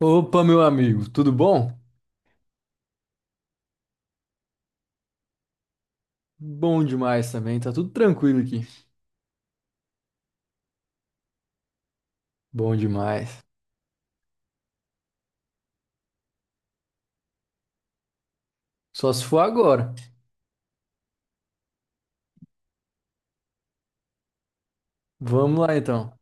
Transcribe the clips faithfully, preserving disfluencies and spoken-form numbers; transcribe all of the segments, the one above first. Opa, meu amigo, tudo bom? Bom demais também, tá tudo tranquilo aqui. Bom demais. Só se for agora. Vamos lá então.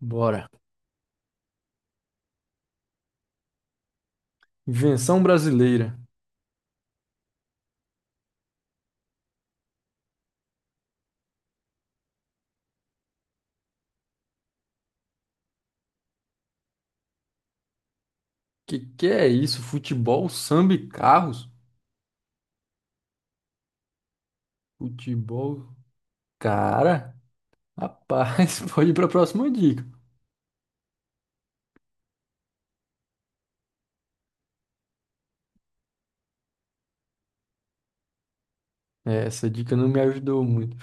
Bora. Invenção brasileira. Que que é isso? Futebol, samba e carros? Futebol. Cara, rapaz, pode ir pra próxima dica. É, essa dica não me ajudou muito.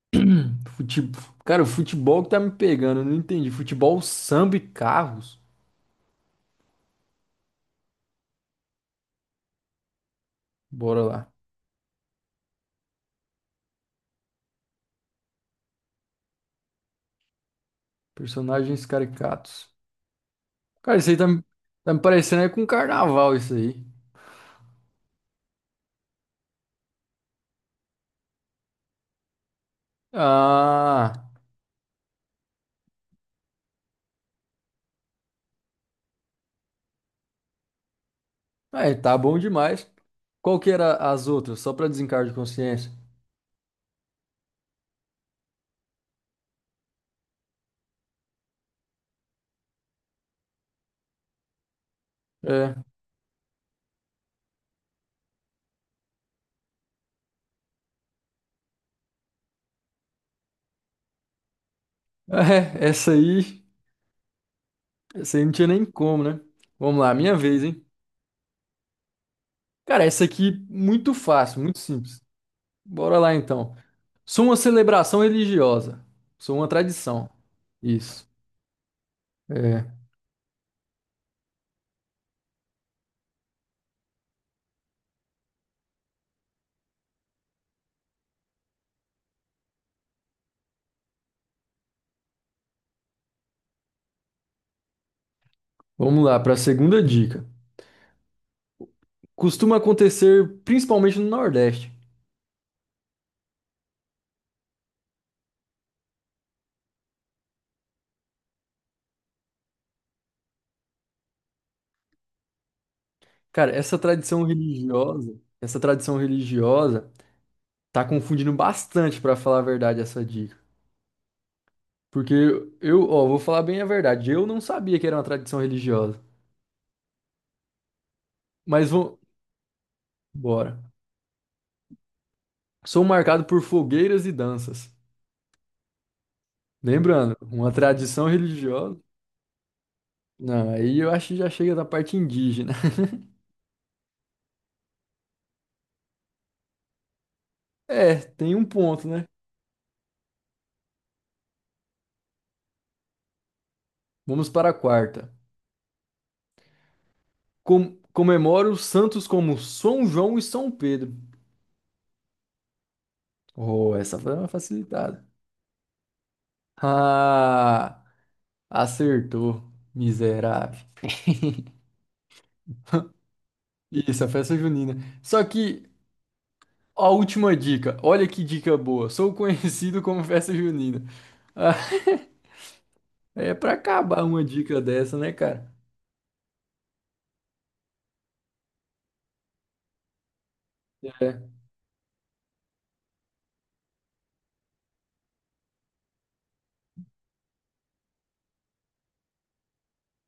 Fute... Cara, o futebol que tá me pegando, eu não entendi. Futebol, samba e carros? Bora lá. Personagens caricatos. Cara, isso aí tá, me- tá me parecendo é com carnaval, isso aí. Ah, é, tá bom demais. Qual que era as outras? Só pra desencargo de consciência. É. É, essa aí, essa aí não tinha nem como, né? Vamos lá, minha vez, hein? Cara, essa aqui muito fácil, muito simples. Bora lá então. Sou uma celebração religiosa. Sou uma tradição. Isso. É. Vamos lá para a segunda dica. Costuma acontecer principalmente no Nordeste. Cara, essa tradição religiosa, essa tradição religiosa tá confundindo bastante, pra falar a verdade, essa dica. Porque eu, ó, vou falar bem a verdade, eu não sabia que era uma tradição religiosa. Mas vou, bora. Sou marcado por fogueiras e danças. Lembrando, uma tradição religiosa. Não, aí eu acho que já chega da parte indígena. É, tem um ponto, né? Vamos para a quarta. Com, comemoro os santos como São João e São Pedro. Oh, essa foi uma facilitada. Ah, acertou, miserável. Isso, a festa junina. Só que a última dica, olha que dica boa. Sou conhecido como festa junina. Ah, é pra acabar uma dica dessa, né, cara? É,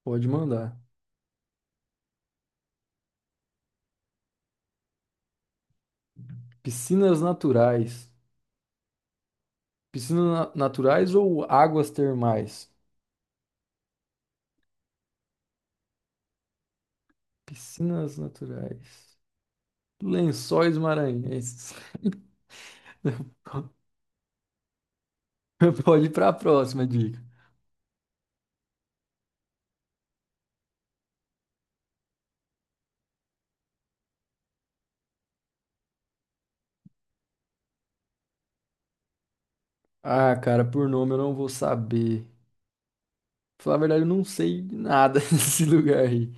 pode mandar. Piscinas naturais. Piscinas na- naturais ou águas termais? Piscinas naturais. Lençóis maranhenses. Pode ir pra próxima dica. Ah, cara, por nome eu não vou saber. Falar a verdade, eu não sei de nada desse lugar aí.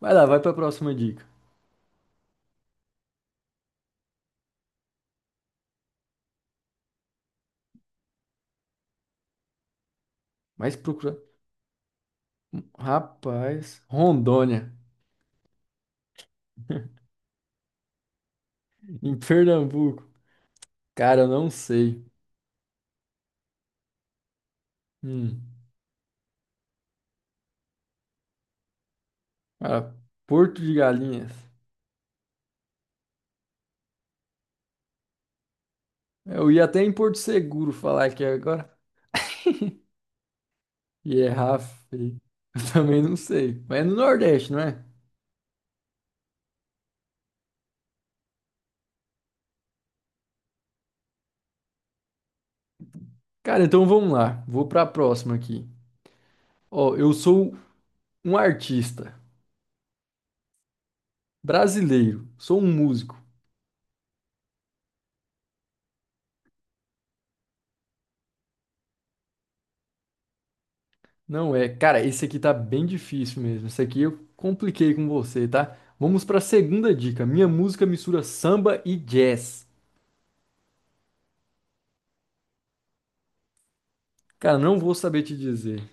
Vai lá, vai pra próxima dica. Mas procura. Rapaz, Rondônia, em Pernambuco. Cara, eu não sei. Hum. Ah, Porto de Galinhas. Eu ia até em Porto Seguro falar aqui agora. E errar feio. Eu também não sei. Mas é no Nordeste, não é? Cara, então vamos lá. Vou pra próxima aqui. Ó, eu sou um artista brasileiro. Sou um músico. Não é, cara, esse aqui tá bem difícil mesmo. Esse aqui eu compliquei com você, tá? Vamos pra segunda dica. Minha música mistura samba e jazz. Cara, não vou saber te dizer,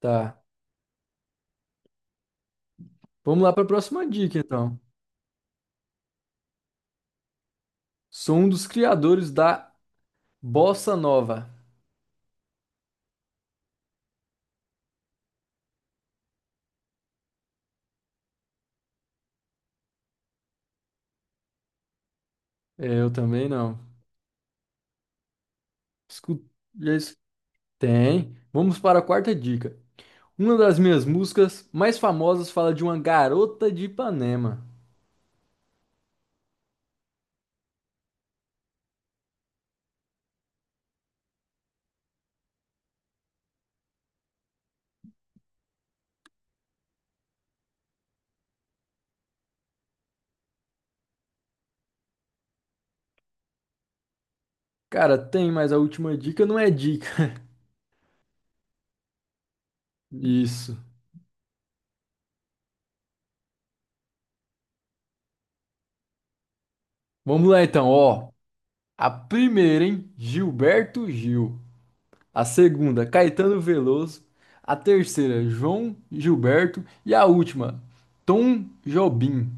tá? Vamos lá pra próxima dica, então. Sou um dos criadores da bossa nova. É, eu também não. Escu- já es- Tem. Vamos para a quarta dica. Uma das minhas músicas mais famosas fala de uma garota de Ipanema. Cara, tem, mas a última dica não é dica. Isso. Vamos lá então, ó. A primeira, hein? Gilberto Gil. A segunda, Caetano Veloso. A terceira, João Gilberto. E a última, Tom Jobim.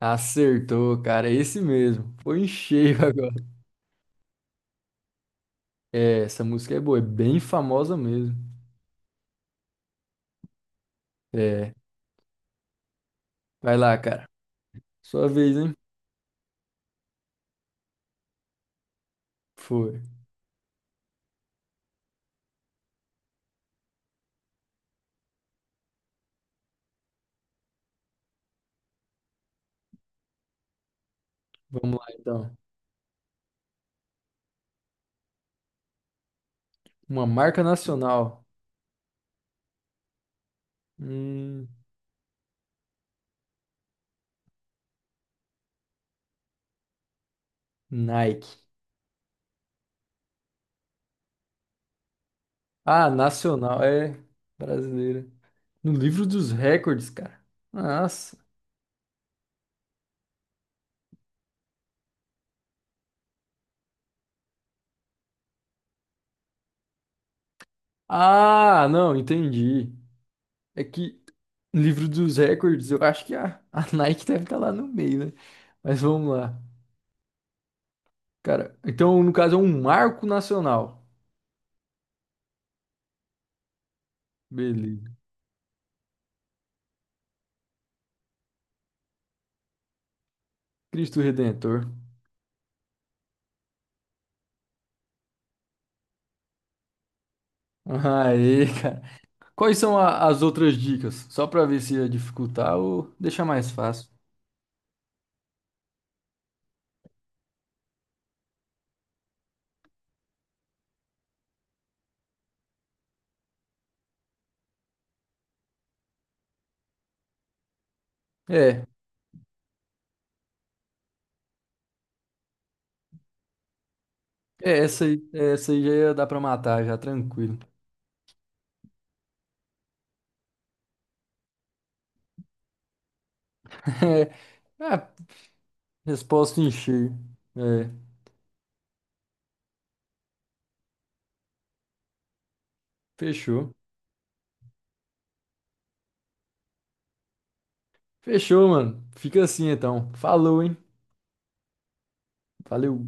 Acertou, cara, é esse mesmo. Foi em cheio agora. É, essa música é boa, é bem famosa mesmo. É, vai lá, cara. Sua vez, hein? Foi. Vamos lá então. Uma marca nacional. Hum, Nike. Ah, nacional, é brasileira. No livro dos recordes, cara. Nossa. Ah, não, entendi. É que no livro dos recordes, eu acho que a, a Nike deve estar lá no meio, né? Mas vamos lá. Cara, então no caso é um marco nacional. Beleza. Cristo Redentor. Aê, cara. Quais são a- as outras dicas? Só pra ver se ia dificultar ou deixar mais fácil. É, é essa aí, essa aí já ia dar pra matar, já tranquilo. É, ah, resposta encher. É, fechou. Fechou, mano. Fica assim então. Falou, hein? Valeu.